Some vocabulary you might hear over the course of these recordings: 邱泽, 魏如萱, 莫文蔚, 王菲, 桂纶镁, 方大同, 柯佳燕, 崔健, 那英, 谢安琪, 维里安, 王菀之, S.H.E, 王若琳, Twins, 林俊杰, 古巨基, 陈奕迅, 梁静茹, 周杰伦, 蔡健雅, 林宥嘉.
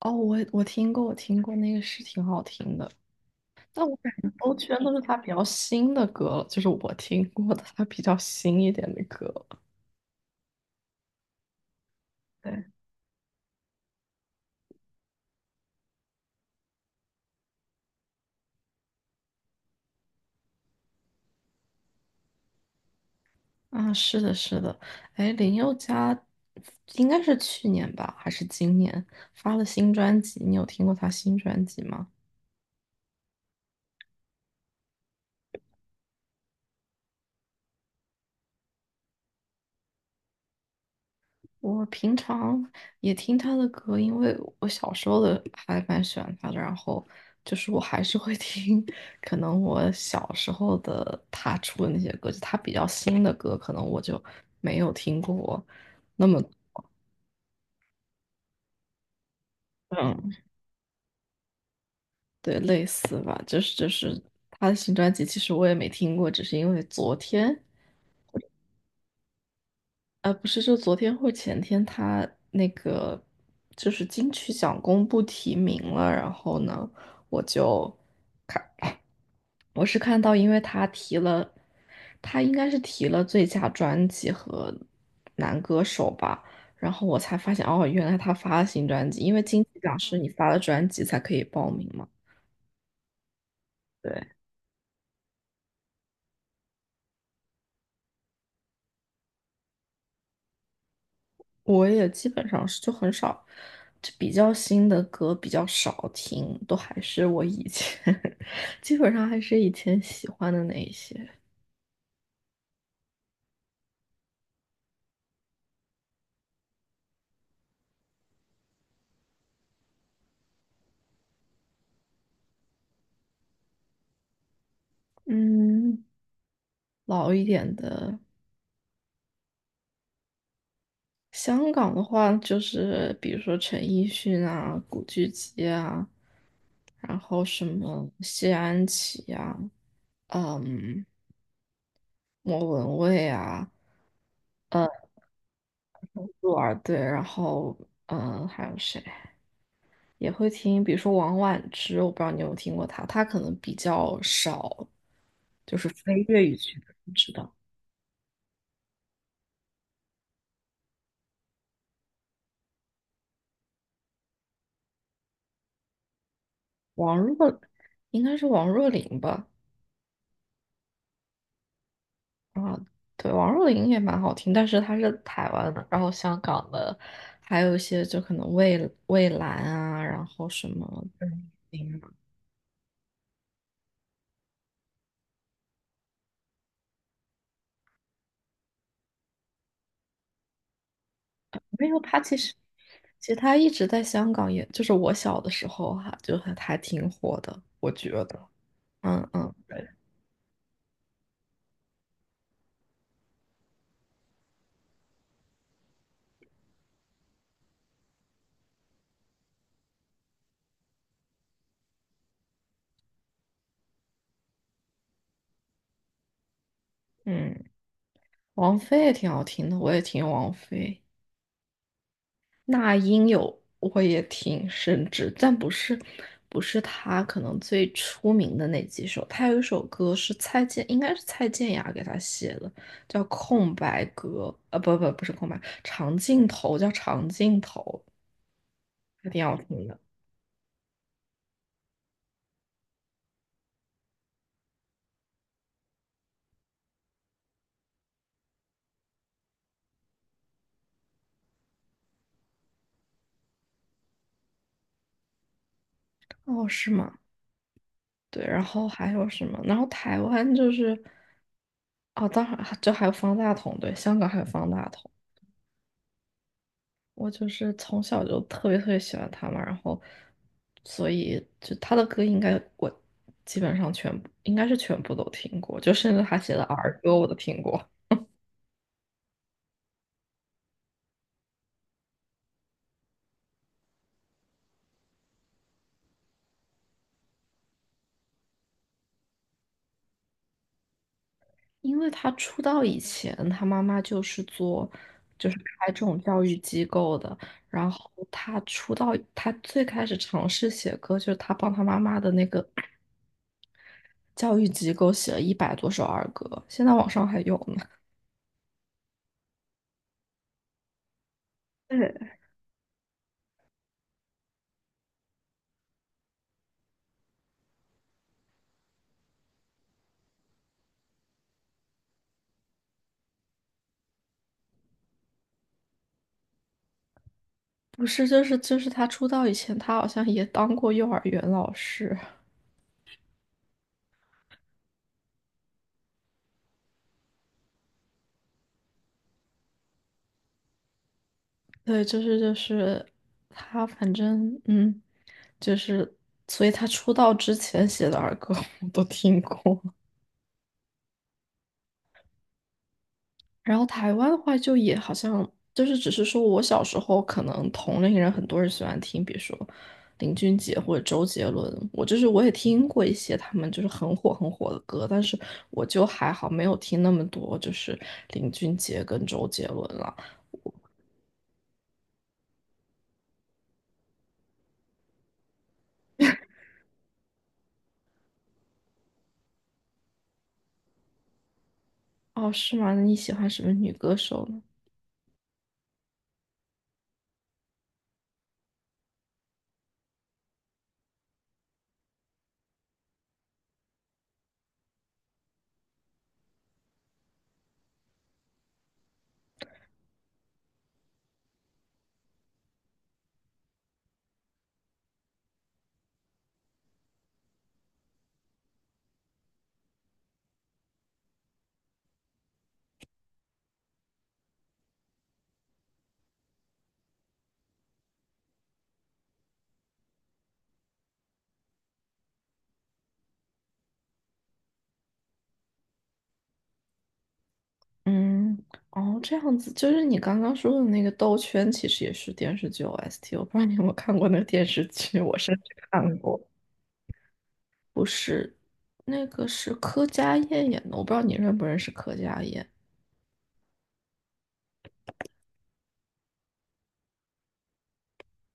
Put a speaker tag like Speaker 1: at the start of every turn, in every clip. Speaker 1: 哦，我听过，我听过那个是挺好听的。但我感觉都全都是他比较新的歌了，就是我听过的他比较新一点的歌了。对。啊，是的，是的。哎，林宥嘉应该是去年吧，还是今年发了新专辑？你有听过他新专辑吗？我平常也听他的歌，因为我小时候的还蛮喜欢他的，然后就是我还是会 听，可能我小时候的他出的那些歌，就他比较新的歌，可能我就没有听过那么 嗯，对，类似吧，就是他的新专辑，其实我也没听过，只是因为昨天。不是，就昨天或前天，他那个就是金曲奖公布提名了，然后呢，我就看，我是看到，因为他提了，他应该是提了最佳专辑和男歌手吧。然后我才发现，哦，原来他发了新专辑，因为金曲奖是你发了专辑才可以报名嘛。对。我也基本上是就很少，就比较新的歌比较少听，都还是我以前，基本上还是以前喜欢的那一些。嗯，老一点的香港的话，就是比如说陈奕迅啊、古巨基啊，然后什么谢安琪啊，嗯，莫文蔚啊。嗯，鹿儿对。然后还有谁？也会听，比如说王菀之，我不知道你有没有听过她，她可能比较少，就是非粤语区的不知道。王若应该是王若琳吧？啊，对，王若琳也蛮好听，但是她是台湾的。然后香港的，还有一些就可能蔚蓝啊，然后什么的。没有，她其实她一直在香港也，就是我小的时候哈、就还挺火的，我觉得。嗯嗯。对。嗯。王菲也挺好听的，我也听王菲。那英有我也挺甚至，但不是她可能最出名的那几首。她有一首歌是蔡健，应该是蔡健雅给她写的，叫《空白格》。呃，不是空白，长镜头叫长镜头。还挺好听的。哦，是吗？对，然后还有什么？然后台湾就是，哦，当然就还有方大同。对，香港还有方大同。我就是从小就特别特别喜欢他嘛，然后所以就他的歌应该我基本上全部应该是全部都听过，就甚至他写的儿歌我都听过。因为他出道以前，他妈妈就是开这种教育机构的。然后他出道，他最开始尝试写歌，就是他帮他妈妈的那个教育机构写了100多首儿歌，现在网上还有呢。对，不是，就是他出道以前，他好像也当过幼儿园老师。对，就是他，反正就是所以他出道之前写的儿歌 我都听过。然后台湾的话，就也好像就是只是说我小时候可能同龄人很多人喜欢听，比如说林俊杰或者周杰伦。我就是我也听过一些他们就是很火很火的歌，但是我就还好没有听那么多，就是林俊杰跟周杰伦了。哦，是吗？那你喜欢什么女歌手呢？嗯。哦，这样子，就是你刚刚说的那个《兜圈》，其实也是电视剧 OST。我不知道你有没有看过那个电视剧，我甚至看过。不是，那个是柯佳燕演的，我不知道你认不认识柯佳燕。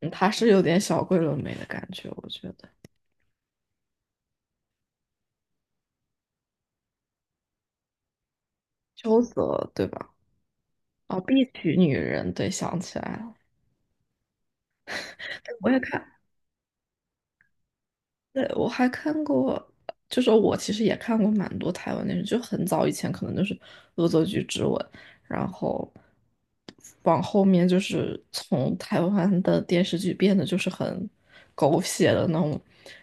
Speaker 1: 嗯，她是有点小桂纶镁的感觉，我觉得。邱泽，对吧？哦，《碧曲女人》，对，想起来了。我也看，对，我还看过，就是我其实也看过蛮多台湾电视剧，就很早以前可能就是《恶作剧之吻》，然后往后面就是从台湾的电视剧变得就是很狗血的那种，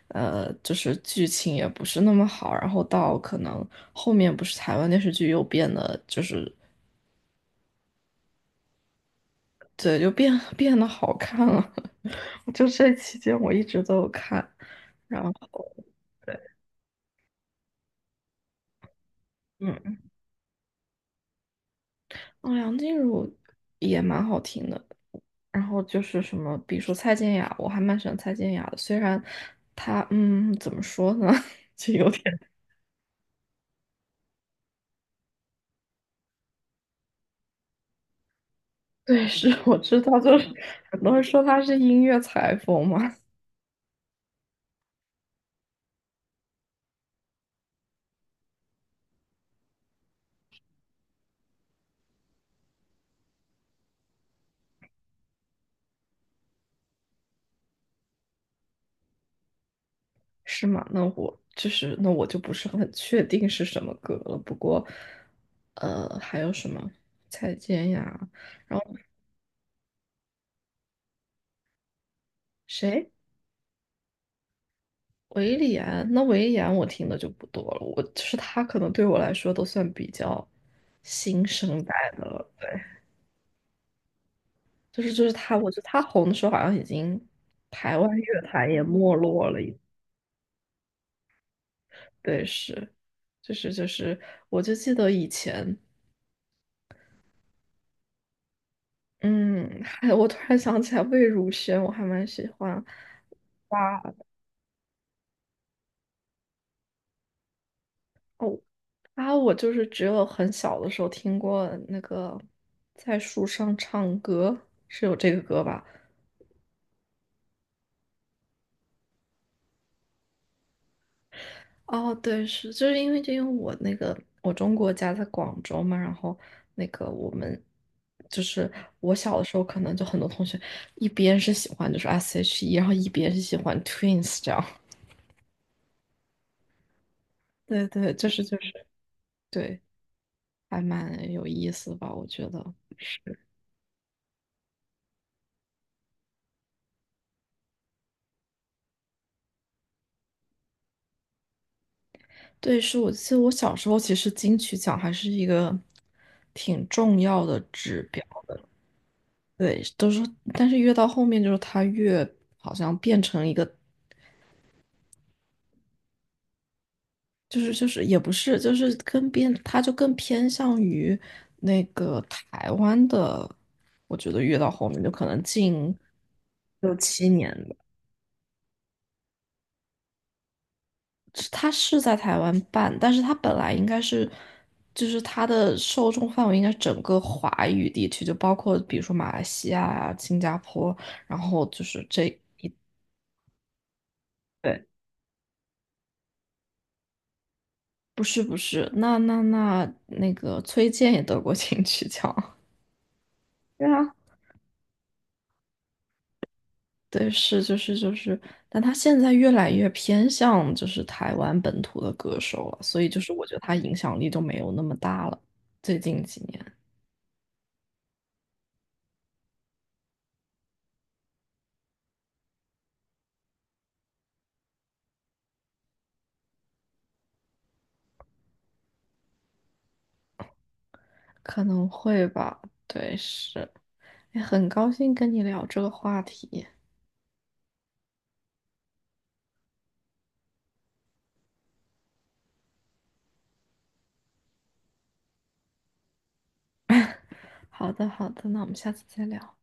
Speaker 1: 呃，就是剧情也不是那么好。然后到可能后面不是台湾电视剧又变得就是对，就变得好看了，就这期间我一直都有看，然后。对。嗯。哦，梁静茹也蛮好听的。然后就是什么，比如说蔡健雅，我还蛮喜欢蔡健雅的。虽然她，怎么说呢，就有点 对，是我知道，就是很多人说她是音乐裁缝嘛。是吗？那我就是那我就不是很确定是什么歌了。不过，还有什么蔡健雅，然后谁？维里安，那维里安我听的就不多了，我就是他可能对我来说都算比较新生代的了。对，就是他，我觉得他红的时候好像已经台湾乐坛也没落了一，对，是，就是，我就记得以前，嗯，还我突然想起来魏如萱，我还蛮喜欢。哇哦。啊，我就是只有很小的时候听过那个在树上唱歌，是有这个歌吧？哦，对，是，就是因为我那个我中国家在广州嘛，然后那个我们就是我小的时候，可能就很多同学一边是喜欢就是 S.H.E,然后一边是喜欢 Twins 这样。对对，就是对，还蛮有意思吧，我觉得。对，是我记得我小时候其实金曲奖还是一个挺重要的指标。对，都是。但是越到后面就是它越好像变成一个就是也不是，就是更偏，他就更偏向于那个台湾的。我觉得越到后面就可能近六七年了，它是在台湾办，但是他本来应该是，就是他的受众范围应该是整个华语地区，就包括比如说马来西亚啊、新加坡，然后就是这，对，不是，那个崔健也得过 金曲奖。对啊。对，是就是，但他现在越来越偏向就是台湾本土的歌手了，所以就是我觉得他影响力就没有那么大了。最近几年可能会吧，对，是，哎，很高兴跟你聊这个话题。好的，好的，那我们下次再聊。